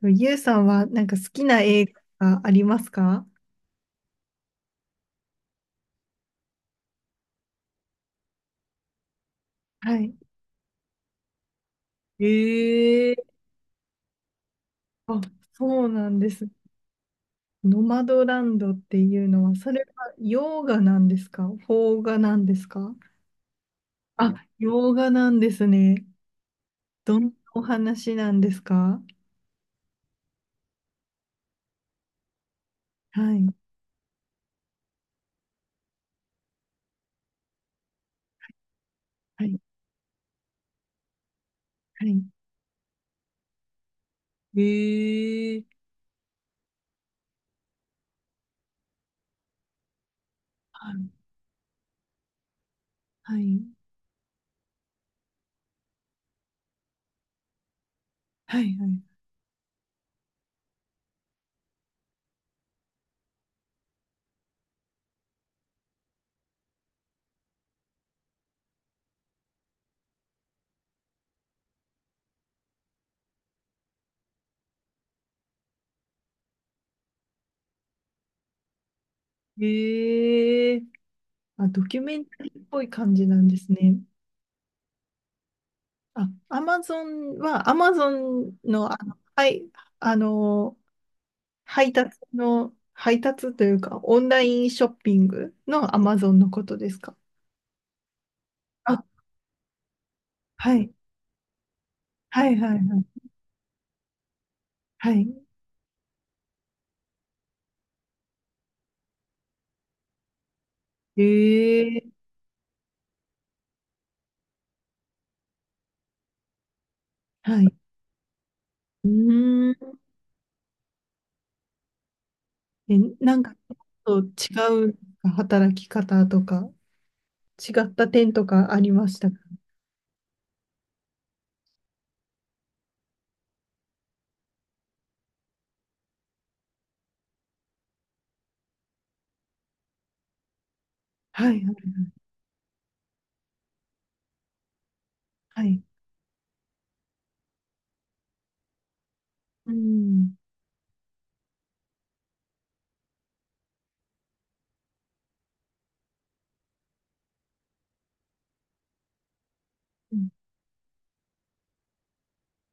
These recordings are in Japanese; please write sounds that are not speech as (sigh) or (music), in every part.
でもゆうさんはなんか好きな映画がありますか？はい。ええ。あ、そうなんです。ノマドランドっていうのは、それは洋画なんですか？邦画なんですか？あ、洋画なんですね。どんなお話なんですか？はい、はい、はい。ええ。はい、はい、はい。はい。ええ。あ、ドキュメンタリーっぽい感じなんですね。あ、アマゾンの、はい、あの、配達というか、オンラインショッピングのアマゾンのことですか？あ、はい、はい、はい、はい。はい。ー、はい。うーん。え、なんか、ちょっと違う働き方とか、違った点とかありましたか？はい、はい。うん。うん。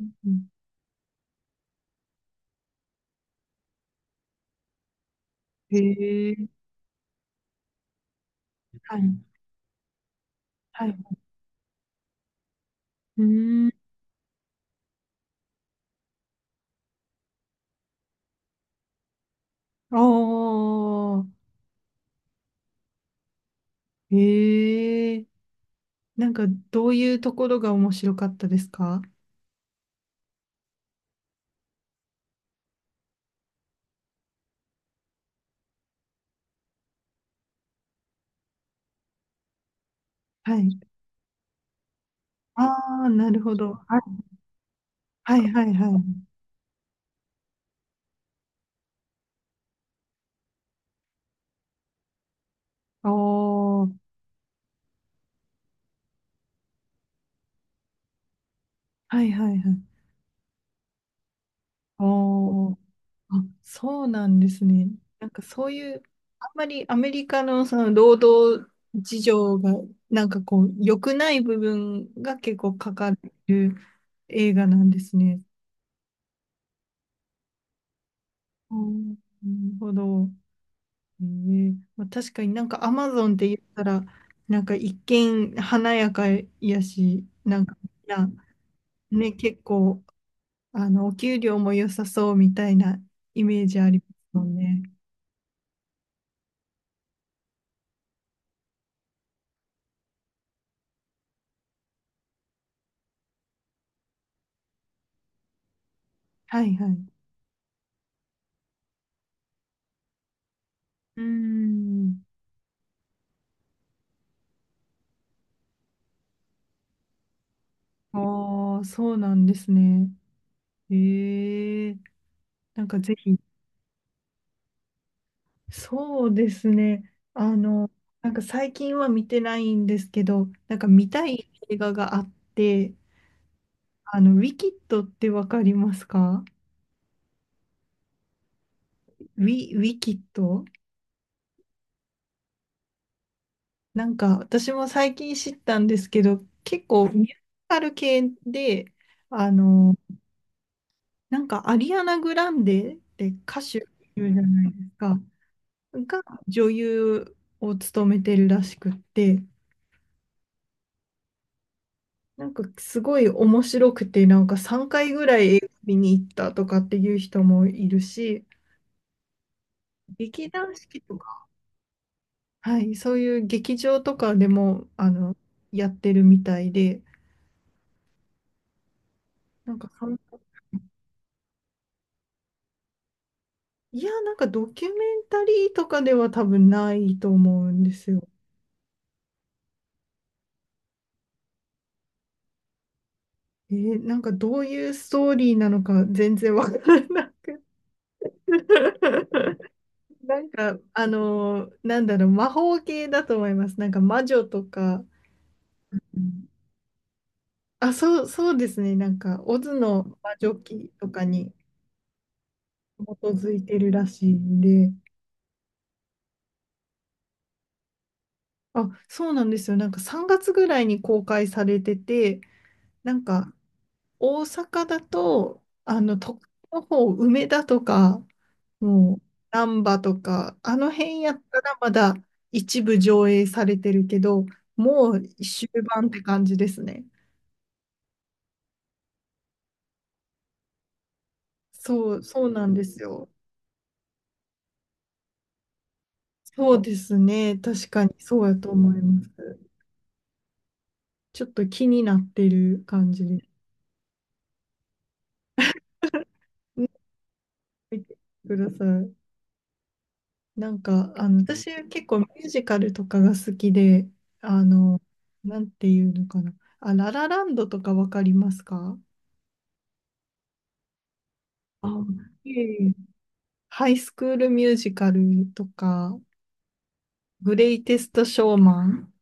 うん。うん。へえ、はい、はい。うーん。ああ。ええ。なんかどういうところが面白かったですか？はい。ああ、なるほど。はいはいはいはい。おー、はいはいはい。おー、あ、そうなんですね。なんかそういう、あんまりアメリカのその労働事情が、なんかこう、良くない部分が結構かかる映画なんですね。おー、なるほど。ええ、まあ、確かになんかアマゾンって言ったら、なんか一見華やかやし、なんかみんなね、結構、お給料も良さそうみたいなイメージありますもんね。はいはい。うーん。ああ、そうなんですね。ええ。なんかぜひ、そうですね。なんか最近は見てないんですけど、なんか見たい映画があって、ウィキッドってわかりますか？ウィキッド。なんか私も最近知ったんですけど、結構ミュージカル系で、あの、なんかアリアナ・グランデって歌手いるじゃないですか、が女優を務めてるらしくって、なんかすごい面白くて、なんか3回ぐらい映画見に行ったとかっていう人もいるし、劇団四季とか、はい、そういう劇場とかでも、やってるみたいで、なんかそんな。いや、なんかドキュメンタリーとかでは多分ないと思うんですよ。なんかどういうストーリーなのか全然わからなくて。 (laughs) なんか、なんだろう、魔法系だと思います。なんか魔女とか。うん。あ、そう、そうですね。なんか、オズの魔女記とかに基づいてるらしいんで。あ、そうなんですよ。なんか3月ぐらいに公開されてて、なんか、大阪だと、都会の方、梅田とか、もう、難波とか、あの辺やったらまだ一部上映されてるけど、もう終盤って感じですね。そう、そうなんですよ。そうですね。確かにそうやと思います。ちょっと気になってる感じです。ね、見てください。なんか、私結構ミュージカルとかが好きで、あの、なんていうのかな。あ、ララランドとかわかりますか？あ、いえいえ。ハイスクールミュージカルとか、グレイテストショーマン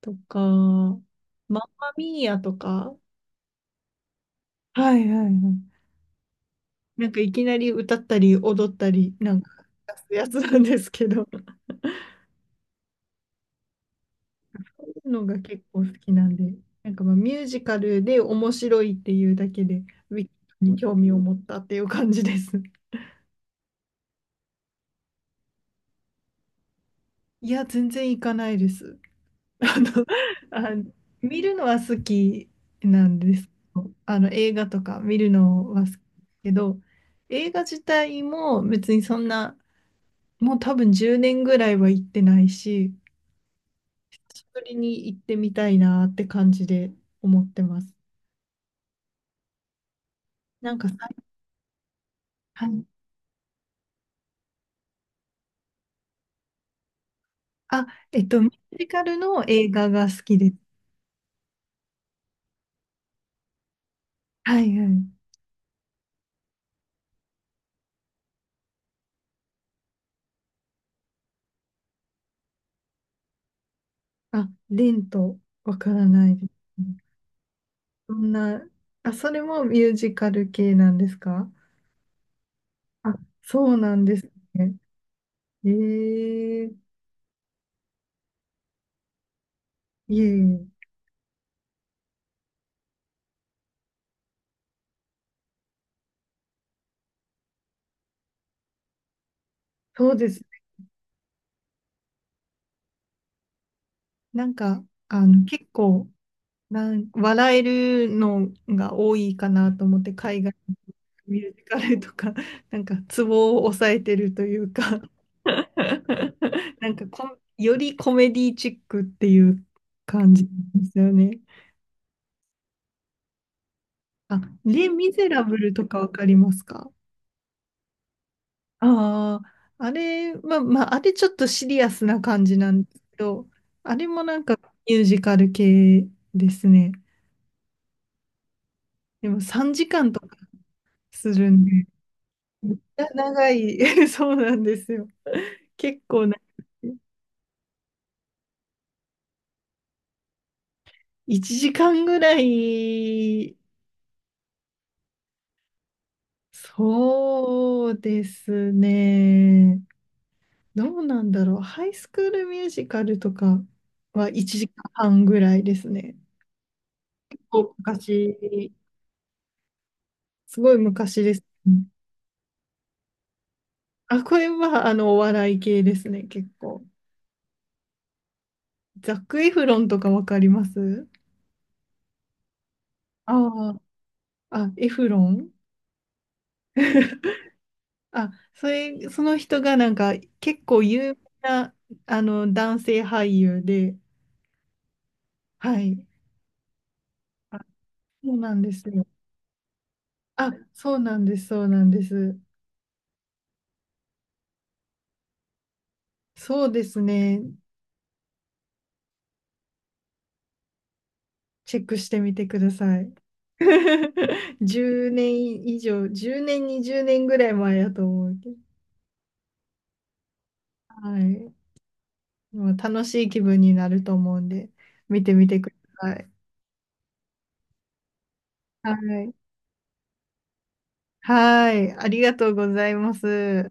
とか、マンマミーヤとか。はいはいはい。なんかいきなり歌ったり踊ったり、なんか出すやつなんですけど、そういうのが結構好きなんで、なんかまあミュージカルで面白いっていうだけで、ウィキに興味を持ったっていう感じです。いや、全然行かないです。あの、あ、見るのは好きなんですけど。映画とか見るのは好きだけど、映画自体も別にそんな、もう多分10年ぐらいは行ってないし、久しぶりに行ってみたいなって感じで思ってます。なんかさ。はい。あ、ミュージカルの映画が好きです。はいはい。あ、レント、わからないですね。そんな。あ、それもミュージカル系なんですか？あ、そうなんですね。ええ。いえいえ。そうですね。なんか、結構、笑えるのが多いかなと思って、海外のミュージカルとか。(laughs) なんかツボを押さえてるというか。(laughs) なんかよりコメディチックっていう感じですよね。あ、レ・ミゼラブルとかわかりますか？ああ、あれ、まあまあ、あれちょっとシリアスな感じなんですけど、あれもなんかミュージカル系ですね。でも3時間とかするんで、めっちゃ長い。(laughs) そうなんですよ。結構な、1時間ぐらい。そうですね。どうなんだろう。ハイスクールミュージカルとかは1時間半ぐらいですね。お昔、すごい昔ですね。うん。あ、これはお笑い系ですね、結構。ザック・エフロンとかわかります？ああー、あ、エフロン。 (laughs) あ、それ、その人がなんか結構有名なあの男性俳優で、はい。あ、そうなんですよ。あ、そうなんです、そうなんです。そうですね。チェックしてみてください。(laughs) 10年以上、10年、20年ぐらい前やと思うけど、はい。もう楽しい気分になると思うんで、見てみてください。はい。はい。ありがとうございます。